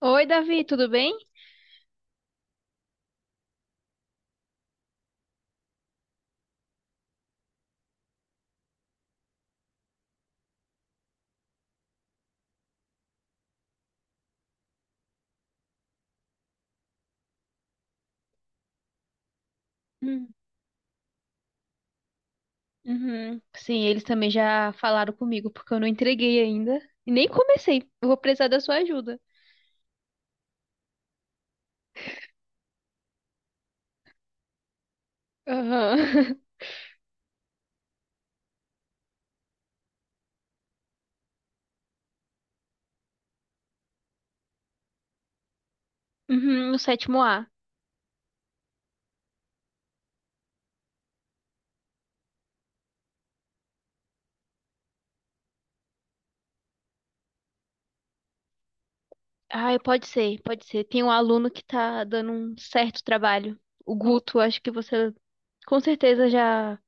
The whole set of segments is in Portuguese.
Oi, Davi, tudo bem? Hum. Uhum. Sim, eles também já falaram comigo, porque eu não entreguei ainda. E nem comecei. Eu vou precisar da sua ajuda. Aham. Uhum, no sétimo A. Ah, pode ser, pode ser. Tem um aluno que tá dando um certo trabalho. O Guto, acho que você com certeza já.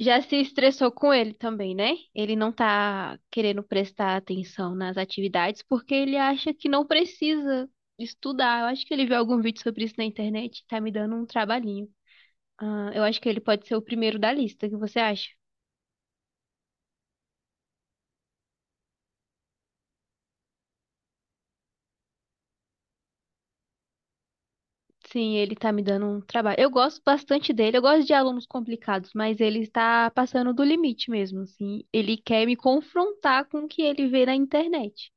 Já se estressou com ele também, né? Ele não tá querendo prestar atenção nas atividades porque ele acha que não precisa estudar. Eu acho que ele viu algum vídeo sobre isso na internet e tá me dando um trabalhinho. Ah, eu acho que ele pode ser o primeiro da lista, o que você acha? Sim, ele tá me dando um trabalho. Eu gosto bastante dele, eu gosto de alunos complicados, mas ele está passando do limite mesmo, assim. Ele quer me confrontar com o que ele vê na internet.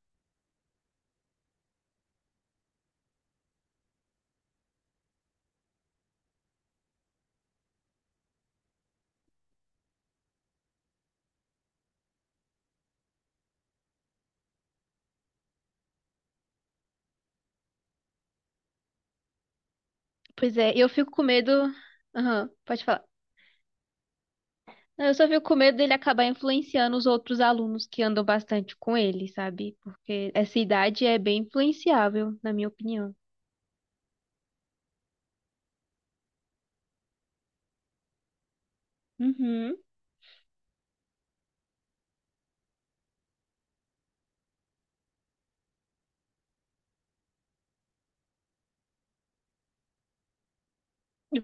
Pois é, eu fico com medo. Aham, pode falar. Eu só fico com medo dele acabar influenciando os outros alunos que andam bastante com ele, sabe? Porque essa idade é bem influenciável, na minha opinião. Uhum.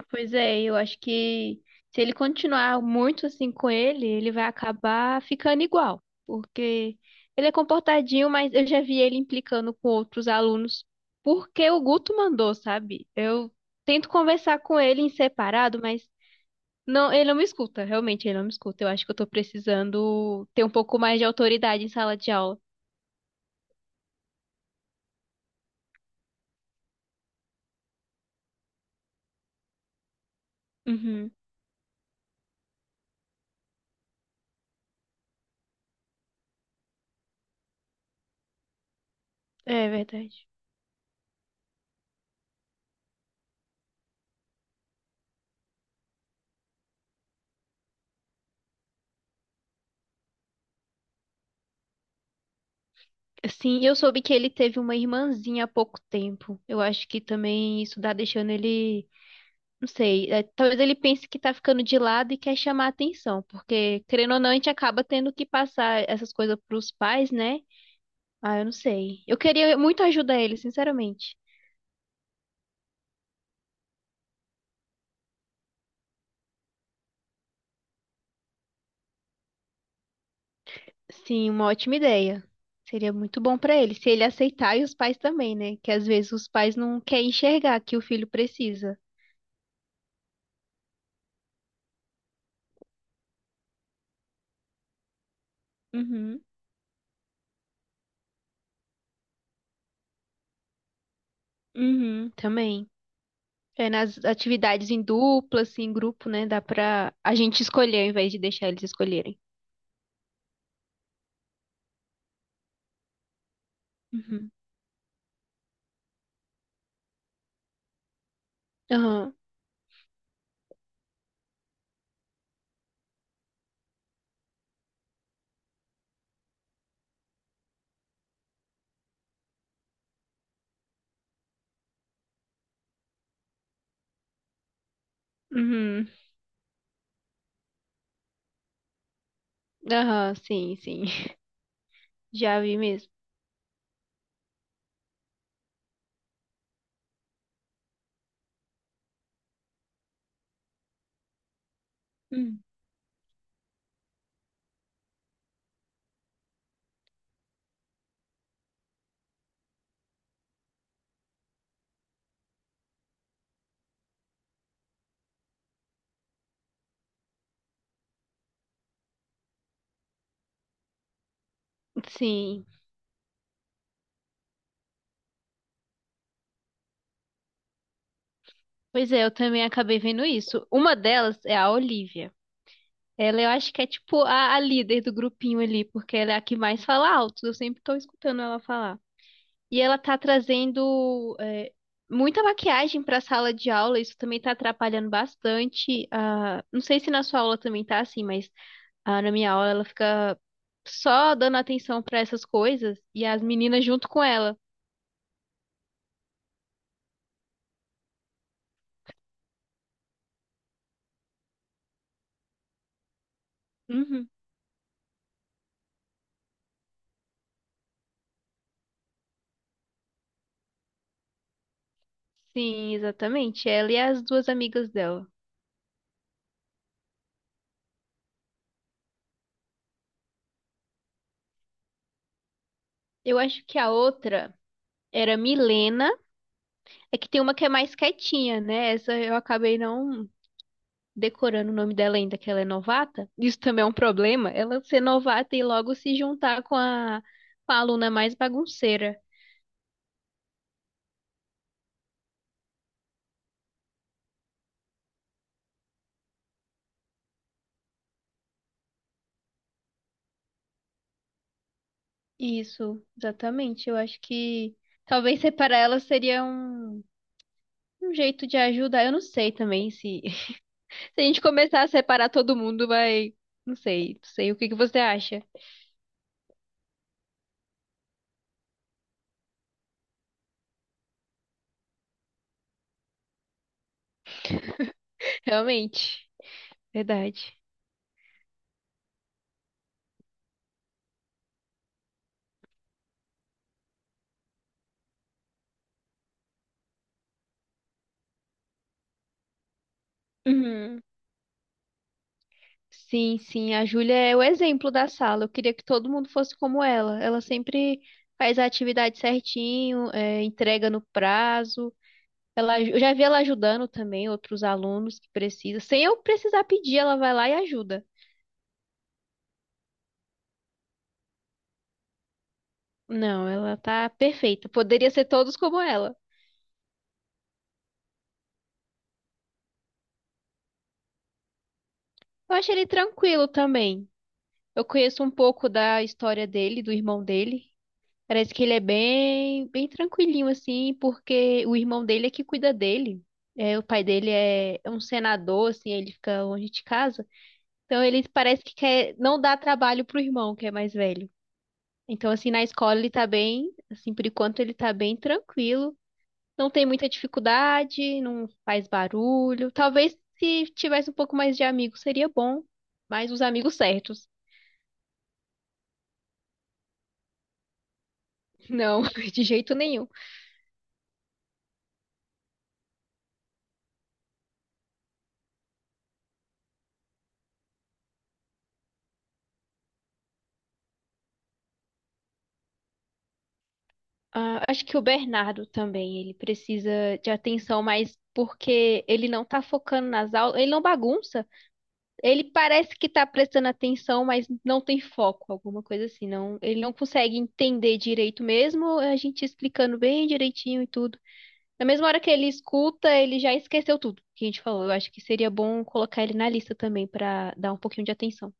Pois é, eu acho que se ele continuar muito assim com ele, ele vai acabar ficando igual, porque ele é comportadinho, mas eu já vi ele implicando com outros alunos, porque o Guto mandou, sabe? Eu tento conversar com ele em separado, mas não, ele não me escuta, realmente, ele não me escuta. Eu acho que eu tô precisando ter um pouco mais de autoridade em sala de aula. Uhum, é verdade. Sim, eu soube que ele teve uma irmãzinha há pouco tempo. Eu acho que também isso tá deixando ele, não sei, talvez ele pense que tá ficando de lado e quer chamar atenção, porque querendo ou não, a gente acaba tendo que passar essas coisas pros pais, né? Ah, eu não sei. Eu queria muito ajudar ele, sinceramente. Sim, uma ótima ideia. Seria muito bom para ele, se ele aceitar e os pais também, né? Que às vezes os pais não querem enxergar que o filho precisa. Uhum, uhum, também. É nas atividades em dupla, assim, em grupo, né? Dá pra a gente escolher ao invés de deixar eles escolherem. Uhum. Aham, uhum. Aham, sim, sim. Já vi mesmo. Hum. Sim. Pois é, eu também acabei vendo isso. Uma delas é a Olivia. Ela eu acho que é tipo a líder do grupinho ali, porque ela é a que mais fala alto. Eu sempre tô escutando ela falar. E ela tá trazendo muita maquiagem pra sala de aula, isso também tá atrapalhando bastante. Ah, não sei se na sua aula também tá assim, mas ah, na minha aula ela fica só dando atenção pra essas coisas e as meninas junto com ela. Uhum. Sim, exatamente. Ela e as duas amigas dela. Eu acho que a outra era Milena. É que tem uma que é mais quietinha, né? Essa eu acabei não decorando o nome dela ainda, que ela é novata. Isso também é um problema, ela ser novata e logo se juntar com com a aluna mais bagunceira. Isso, exatamente. Eu acho que talvez separar ela seria um jeito de ajudar. Eu não sei também se, se a gente começar a separar todo mundo, vai. Não sei, não sei. O que que você acha? Realmente, verdade. Uhum. Sim, sim, a Júlia é o exemplo da sala. Eu queria que todo mundo fosse como ela. Ela sempre faz a atividade certinho, entrega no prazo. Eu já vi ela ajudando também outros alunos que precisam. Sem eu precisar pedir, ela vai lá e ajuda. Não, ela tá perfeita. Poderia ser todos como ela. Eu acho ele tranquilo também. Eu conheço um pouco da história dele, do irmão dele. Parece que ele é bem tranquilinho, assim, porque o irmão dele é que cuida dele. É, o pai dele é um senador, assim, ele fica longe de casa. Então ele parece que quer não dar trabalho pro irmão, que é mais velho. Então, assim, na escola ele tá bem, assim, por enquanto ele tá bem tranquilo. Não tem muita dificuldade, não faz barulho. Talvez se tivesse um pouco mais de amigos seria bom, mas os amigos certos. Não, de jeito nenhum. Ah, acho que o Bernardo também, ele precisa de atenção, mas porque ele não tá focando nas aulas, ele não bagunça. Ele parece que tá prestando atenção, mas não tem foco, alguma coisa assim. Não, ele não consegue entender direito mesmo, a gente explicando bem direitinho e tudo. Na mesma hora que ele escuta, ele já esqueceu tudo que a gente falou. Eu acho que seria bom colocar ele na lista também para dar um pouquinho de atenção.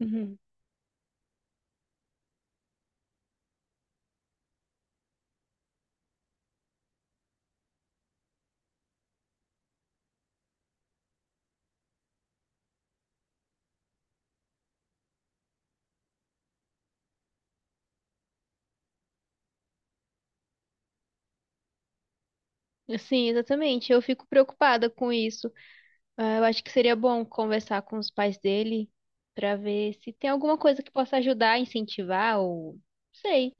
Uhum. Sim, exatamente. Eu fico preocupada com isso. Ah, eu acho que seria bom conversar com os pais dele para ver se tem alguma coisa que possa ajudar, incentivar ou sei,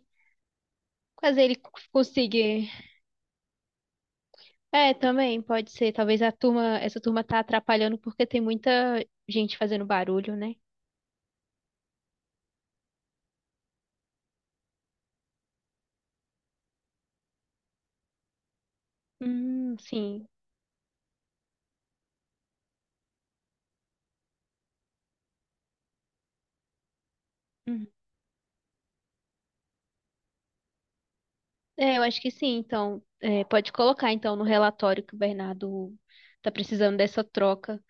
fazer ele conseguir. É, também pode ser. Talvez a turma, essa turma tá atrapalhando porque tem muita gente fazendo barulho, né? Sim. Uhum. É, eu acho que sim. Então, é, pode colocar então no relatório que o Bernardo tá precisando dessa troca.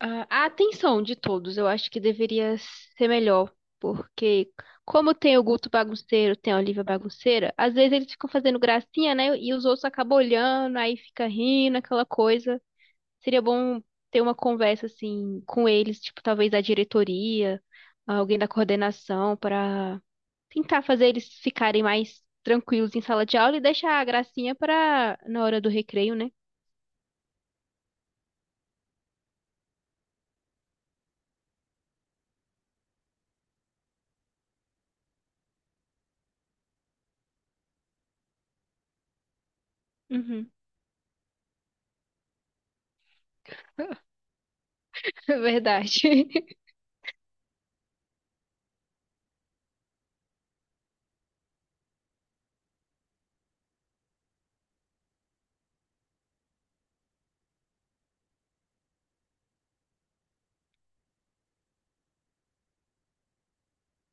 A atenção de todos, eu acho que deveria ser melhor, porque como tem o Guto bagunceiro, tem a Olivia bagunceira, às vezes eles ficam fazendo gracinha, né? E os outros acabam olhando, aí fica rindo, aquela coisa. Seria bom ter uma conversa assim com eles, tipo, talvez a diretoria, alguém da coordenação, para tentar fazer eles ficarem mais tranquilos em sala de aula e deixar a gracinha para na hora do recreio, né? Uhum, verdade.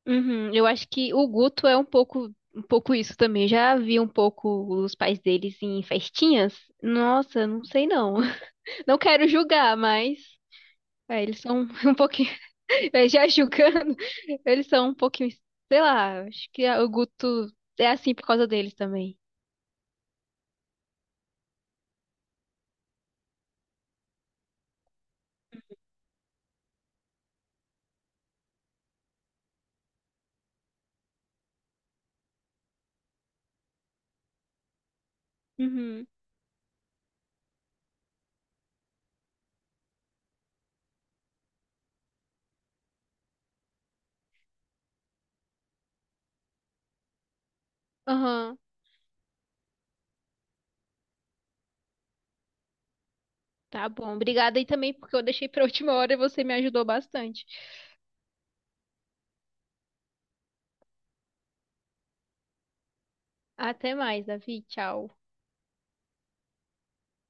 Uhum, eu acho que o Guto é um pouco isso também. Já vi um pouco os pais deles em festinhas. Nossa, não sei não. Não quero julgar, mas eles são um pouquinho, já julgando, eles são um pouquinho, sei lá, acho que o Guto é assim por causa deles também. Uhum. Aham. Tá bom. Obrigada aí também porque eu deixei pra última hora e você me ajudou bastante. Até mais, Davi. Tchau.